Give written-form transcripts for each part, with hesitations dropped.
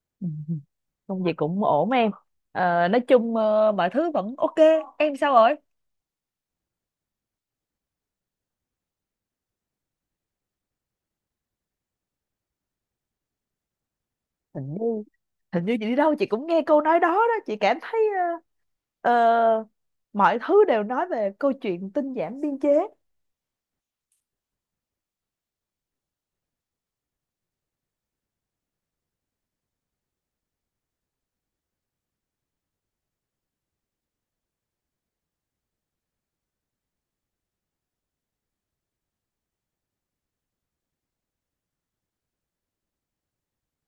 Ừ, ừ. Công việc cũng ổn em. Nói chung, mọi thứ vẫn ok. Em sao rồi? hình như Hình như chị đi đâu chị cũng nghe câu nói đó đó, chị cảm thấy ờ, ờ, mọi thứ đều nói về câu chuyện tinh giảm biên chế.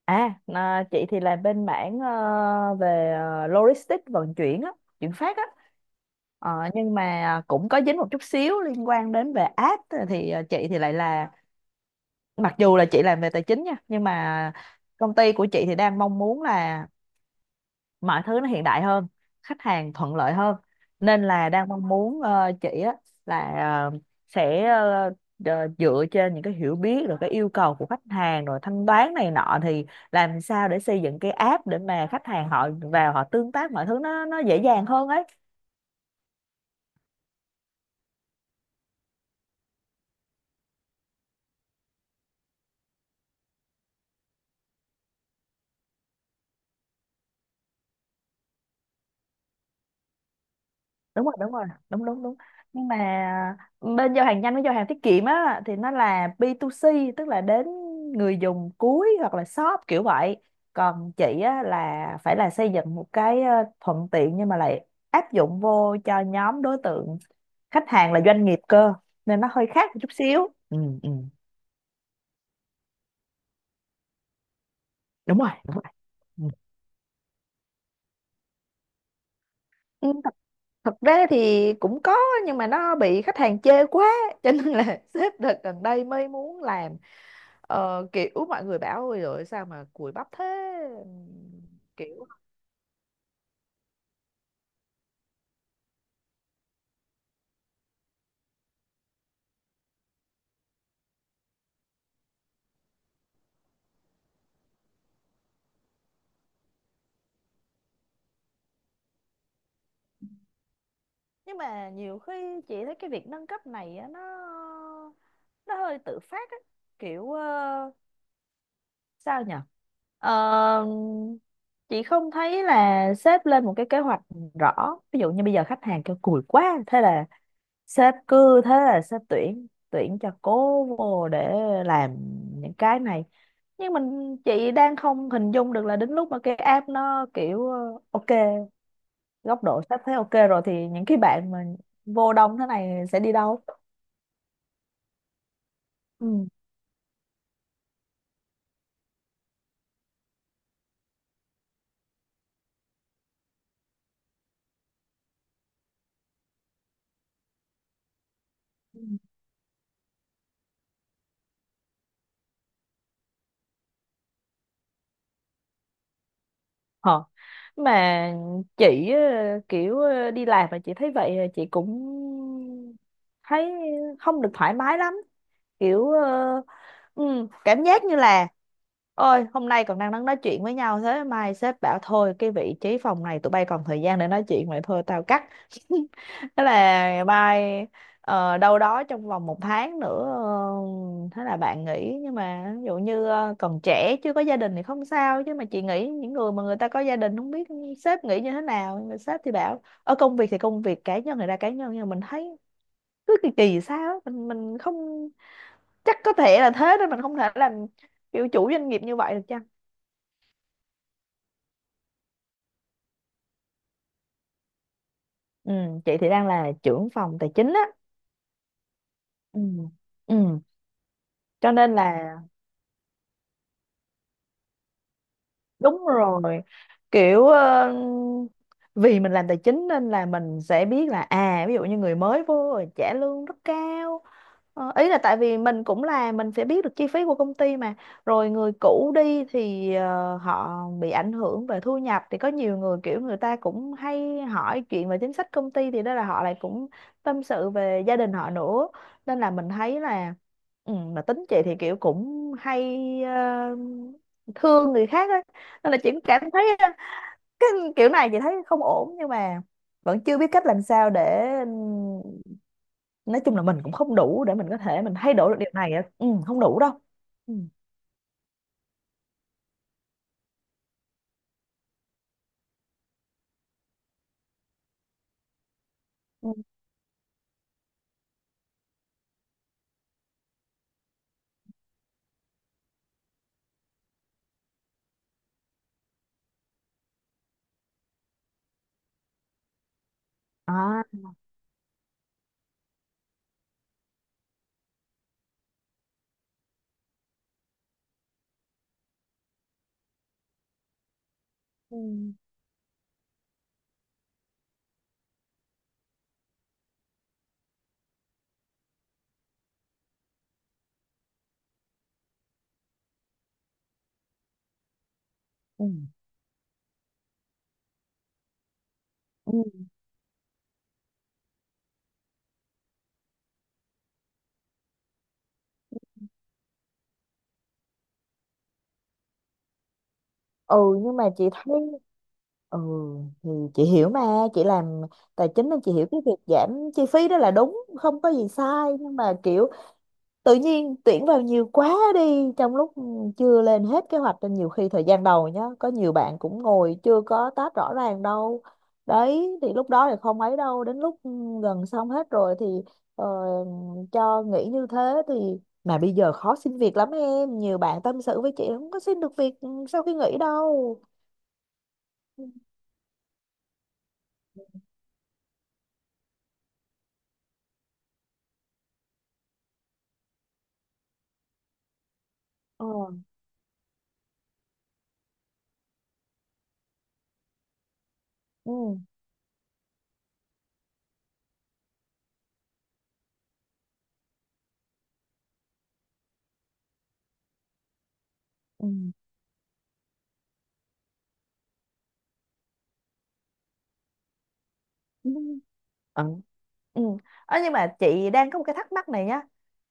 Chị thì làm bên mảng, về logistics vận chuyển á, chuyển phát á. Ờ, nhưng mà cũng có dính một chút xíu liên quan đến về app thì, chị thì lại là mặc dù là chị làm về tài chính nha nhưng mà công ty của chị thì đang mong muốn là mọi thứ nó hiện đại hơn, khách hàng thuận lợi hơn, nên là đang mong muốn chị á là ờ, sẽ dựa trên những cái hiểu biết rồi cái yêu cầu của khách hàng rồi thanh toán này nọ thì làm sao để xây dựng cái app để mà khách hàng họ vào họ tương tác mọi thứ nó dễ dàng hơn ấy. Đúng rồi, đúng rồi, đúng đúng đúng. Nhưng mà bên giao hàng nhanh với giao hàng tiết kiệm á thì nó là B2C, tức là đến người dùng cuối hoặc là shop kiểu vậy. Còn chị á là phải là xây dựng một cái, thuận tiện nhưng mà lại áp dụng vô cho nhóm đối tượng khách hàng là doanh nghiệp cơ, nên nó hơi khác một chút xíu. Ừ, ừ. Đúng rồi, đúng rồi. Ừ. Ừ, thật ra thì cũng có nhưng mà nó bị khách hàng chê quá cho nên là sếp đợt gần đây mới muốn làm. Ờ, kiểu mọi người bảo ôi rồi sao mà cùi bắp thế. Ừm, Kiểu nhưng mà nhiều khi chị thấy cái việc nâng cấp này á, nó hơi tự phát á, kiểu sao nhỉ. Ờ, chị không thấy là sếp lên một cái kế hoạch rõ, ví dụ như bây giờ khách hàng kêu cùi quá thế là sếp cứ thế là sếp tuyển tuyển cho cố vô để làm những cái này. Nhưng mình chị đang không hình dung được là đến lúc mà cái app nó kiểu ok, góc độ sếp thấy ok rồi thì những cái bạn mà vô đông thế này sẽ đi đâu. Ừ. Ừ. Ờ. Mà chị kiểu đi làm mà chị thấy vậy, chị cũng thấy không được thoải mái lắm, kiểu cảm giác như là ôi hôm nay còn đang đang nói chuyện với nhau thế mai sếp bảo thôi cái vị trí phòng này tụi bay còn thời gian để nói chuyện vậy thôi tao cắt. Thế là mai đâu đó trong vòng 1 tháng nữa thế là bạn nghỉ. Nhưng mà ví dụ như còn trẻ chưa có gia đình thì không sao, chứ mà chị nghĩ những người mà người ta có gia đình không biết sếp nghĩ như thế nào, nhưng mà sếp thì bảo ở công việc thì công việc, cá nhân thì ra cá nhân. Nhưng mà mình thấy cứ kỳ kỳ sao á, mình không, chắc có thể là thế nên mình không thể làm kiểu chủ doanh nghiệp như vậy được chăng. Ừ, chị thì đang là trưởng phòng tài chính á. Ừ, ừ, cho nên là đúng rồi, kiểu vì mình làm tài chính nên là mình sẽ biết là, à ví dụ như người mới vô rồi trả lương rất cao. Ờ, ý là tại vì mình cũng là mình sẽ biết được chi phí của công ty mà. Rồi người cũ đi thì họ bị ảnh hưởng về thu nhập thì có nhiều người kiểu người ta cũng hay hỏi chuyện về chính sách công ty thì đó là họ lại cũng tâm sự về gia đình họ nữa, nên là mình thấy là, ừ, mà tính chị thì kiểu cũng hay ờ, thương người khác ấy. Nên là chị cũng cảm thấy cái kiểu này chị thấy không ổn nhưng mà vẫn chưa biết cách làm sao để, nói chung là mình cũng không đủ để mình có thể mình thay đổi được điều này á. Ừ, không đủ đâu. Ừ. Ừ. À, ừ. Ừ. Ừ. Ừ nhưng mà chị thấy, ừ thì chị hiểu mà, chị làm tài chính nên chị hiểu cái việc giảm chi phí đó là đúng không có gì sai. Nhưng mà kiểu tự nhiên tuyển vào nhiều quá đi, trong lúc chưa lên hết kế hoạch nên nhiều khi thời gian đầu nhá có nhiều bạn cũng ngồi chưa có tách rõ ràng đâu. Đấy thì lúc đó thì không ấy đâu, đến lúc, ừ, gần xong hết rồi thì ờ, cho nghỉ như thế. Thì mà bây giờ khó xin việc lắm em, nhiều bạn tâm sự với chị không có xin được việc, ừ, sau khi nghỉ đâu. ờ ừ, ừ. Ờ. Ừ. Ờ, nhưng mà chị đang có một cái thắc mắc này nhá,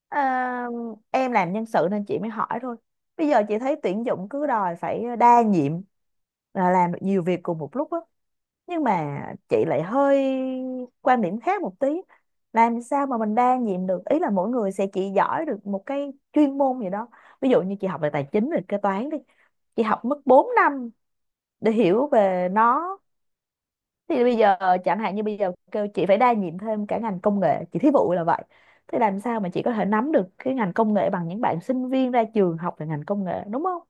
à, em làm nhân sự nên chị mới hỏi thôi. Bây giờ chị thấy tuyển dụng cứ đòi phải đa nhiệm, là làm được nhiều việc cùng một lúc á. Nhưng mà chị lại hơi quan điểm khác một tí, làm sao mà mình đa nhiệm được, ý là mỗi người sẽ chỉ giỏi được một cái chuyên môn gì đó. Ví dụ như chị học về tài chính về kế toán đi, chị học mất 4 năm để hiểu về nó. Thì bây giờ chẳng hạn như bây giờ kêu chị phải đa nhiệm thêm cả ngành công nghệ, chị thí dụ là vậy, thế làm sao mà chị có thể nắm được cái ngành công nghệ bằng những bạn sinh viên ra trường học về ngành công nghệ đúng không?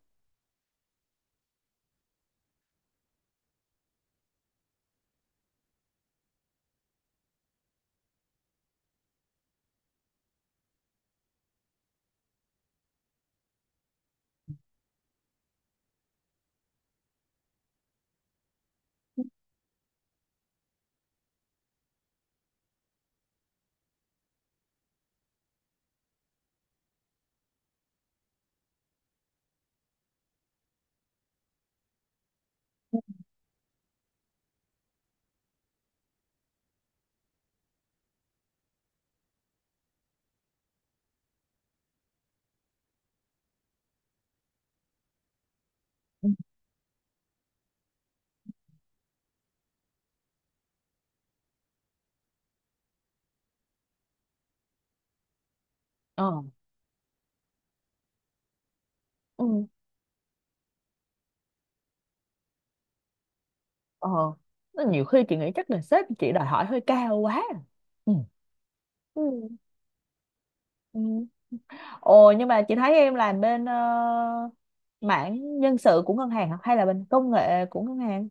Ừ. ờ ừ. ờ Nó nhiều khi chị nghĩ chắc là sếp chị đòi hỏi hơi cao quá. Ừ. Ừ. Ừ. Ồ nhưng mà chị thấy em làm bên, mảng nhân sự của ngân hàng hả? Hay là bên công nghệ của ngân hàng?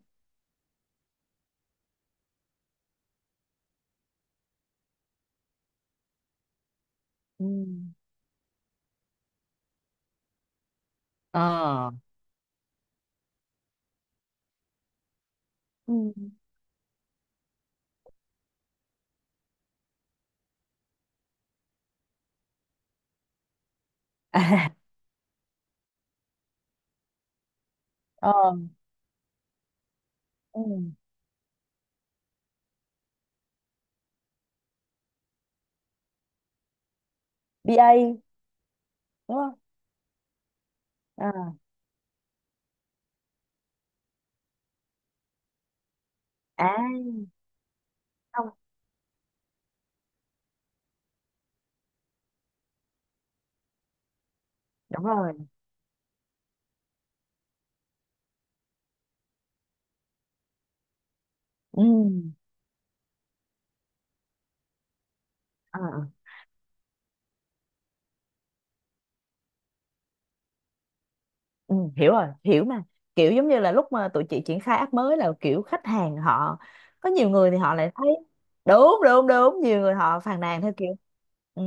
Ừ. ờ Ừ. À. ờ ừ. BA đúng không? À không, đúng rồi. Ừ. ờ ờ. Ừ, hiểu rồi, hiểu mà. Kiểu giống như là lúc mà tụi chị triển khai app mới là kiểu khách hàng họ, có nhiều người thì họ lại thấy. Đúng đúng đúng, nhiều người họ phàn nàn theo kiểu. Ừ.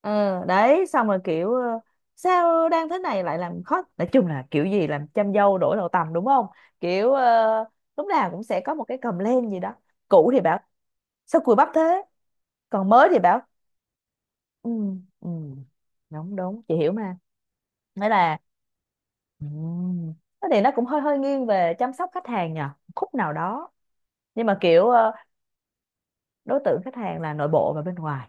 ờ, Đấy xong rồi kiểu sao đang thế này lại làm khó, nói chung là kiểu gì làm chăm dâu đổi đầu tằm đúng không, kiểu lúc nào cũng sẽ có một cái cầm lên gì đó. Cũ thì bảo sao cùi bắp thế, còn mới thì bảo. Ừ, ừ, đúng đúng, chị hiểu mà. Nghĩa là, ừ, thế thì nó cũng hơi hơi nghiêng về chăm sóc khách hàng nhờ, khúc nào đó. Nhưng mà kiểu đối tượng khách hàng là nội bộ và bên ngoài.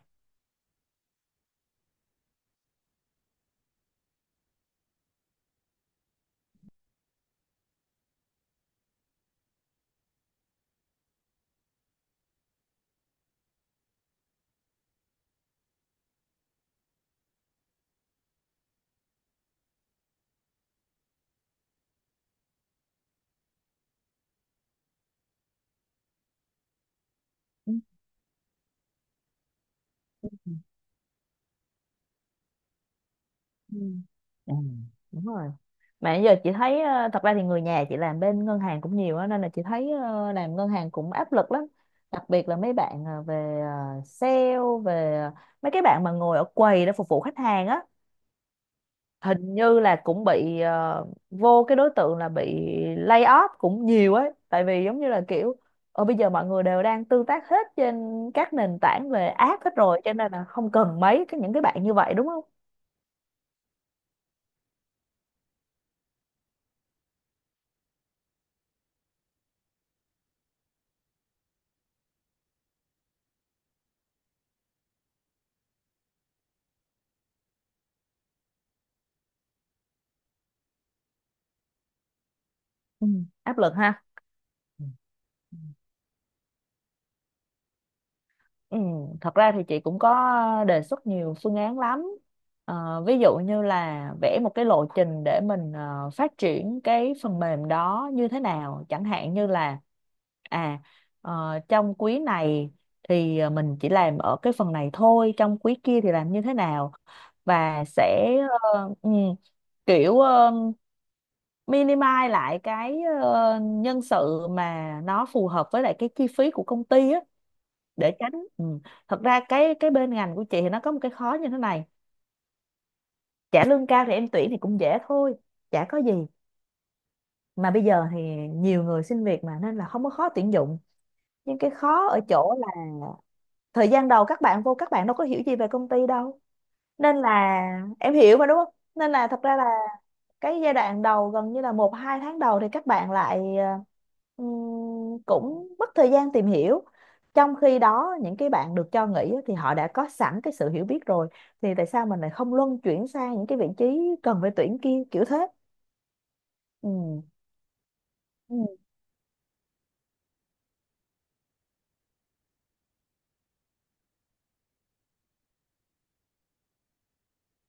Ừ. Ừ. Ừ, đúng rồi. Mà bây giờ chị thấy thật ra thì người nhà chị làm bên ngân hàng cũng nhiều á, nên là chị thấy làm ngân hàng cũng áp lực lắm, đặc biệt là mấy bạn về sale, về mấy cái bạn mà ngồi ở quầy để phục vụ khách hàng á. Hình như là cũng bị vô cái đối tượng là bị lay off cũng nhiều ấy, tại vì giống như là kiểu ở bây giờ mọi người đều đang tương tác hết trên các nền tảng về app hết rồi, cho nên là không cần mấy cái những cái bạn như vậy đúng không? Ừ, áp lực ha. Ừ. Ừ, thật ra thì chị cũng có đề xuất nhiều phương án lắm. Ờ, ví dụ như là vẽ một cái lộ trình để mình phát triển cái phần mềm đó như thế nào. Chẳng hạn như là, à, trong quý này thì mình chỉ làm ở cái phần này thôi, trong quý kia thì làm như thế nào. Và sẽ ừ, kiểu minimize lại cái nhân sự mà nó phù hợp với lại cái chi phí của công ty á, để tránh. Ừ. Thật ra cái bên ngành của chị thì nó có một cái khó như thế này, trả lương cao thì em tuyển thì cũng dễ thôi, chả có gì. Mà bây giờ thì nhiều người xin việc mà nên là không có khó tuyển dụng, nhưng cái khó ở chỗ là thời gian đầu các bạn vô các bạn đâu có hiểu gì về công ty đâu, nên là em hiểu mà đúng không, nên là thật ra là cái giai đoạn đầu gần như là 1-2 tháng đầu thì các bạn lại cũng mất thời gian tìm hiểu. Trong khi đó những cái bạn được cho nghỉ á, thì họ đã có sẵn cái sự hiểu biết rồi, thì tại sao mình lại không luân chuyển sang những cái vị trí cần phải tuyển kia, kiểu thế. Ừ. Ừ.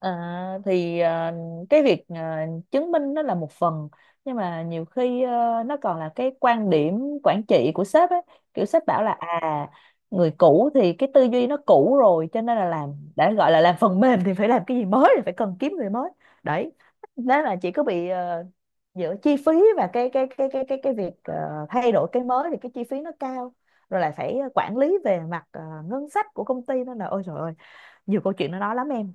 À, thì à, cái việc à, chứng minh nó là một phần nhưng mà nhiều khi nó còn là cái quan điểm quản trị của sếp ấy, kiểu sếp bảo là à người cũ thì cái tư duy nó cũ rồi cho nên là làm, đã gọi là làm phần mềm thì phải làm cái gì mới thì phải cần kiếm người mới. Đấy, đó là chỉ có bị giữa chi phí và cái việc thay đổi cái mới thì cái chi phí nó cao, rồi lại phải quản lý về mặt ngân sách của công ty nên là ôi trời ơi, nhiều câu chuyện nó nói lắm em.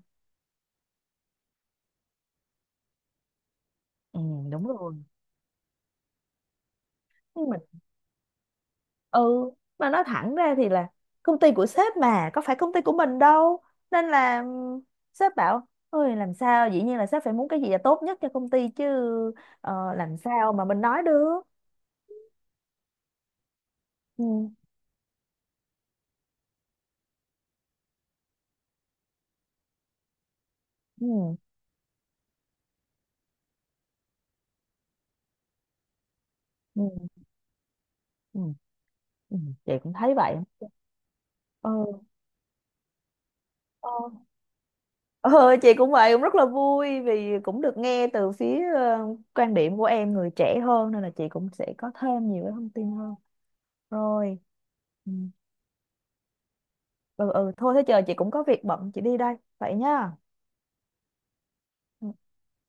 Ừ, đúng rồi. Nhưng mà, ừ, mà nói thẳng ra thì là công ty của sếp mà có phải công ty của mình đâu, nên là sếp bảo ôi làm sao dĩ nhiên là sếp phải muốn cái gì là tốt nhất cho công ty chứ, làm sao mà mình nói được. Ừ, ừ, ừ, ừ, ừ. Chị cũng thấy vậy. Ừ, ừ. Ừ, chị cũng vậy, cũng rất là vui vì cũng được nghe từ phía, quan điểm của em người trẻ hơn nên là chị cũng sẽ có thêm nhiều cái thông tin hơn. Rồi. Ừ, ừ, ừ thôi thế chờ chị cũng có việc bận chị đi đây vậy nhá. Ừ.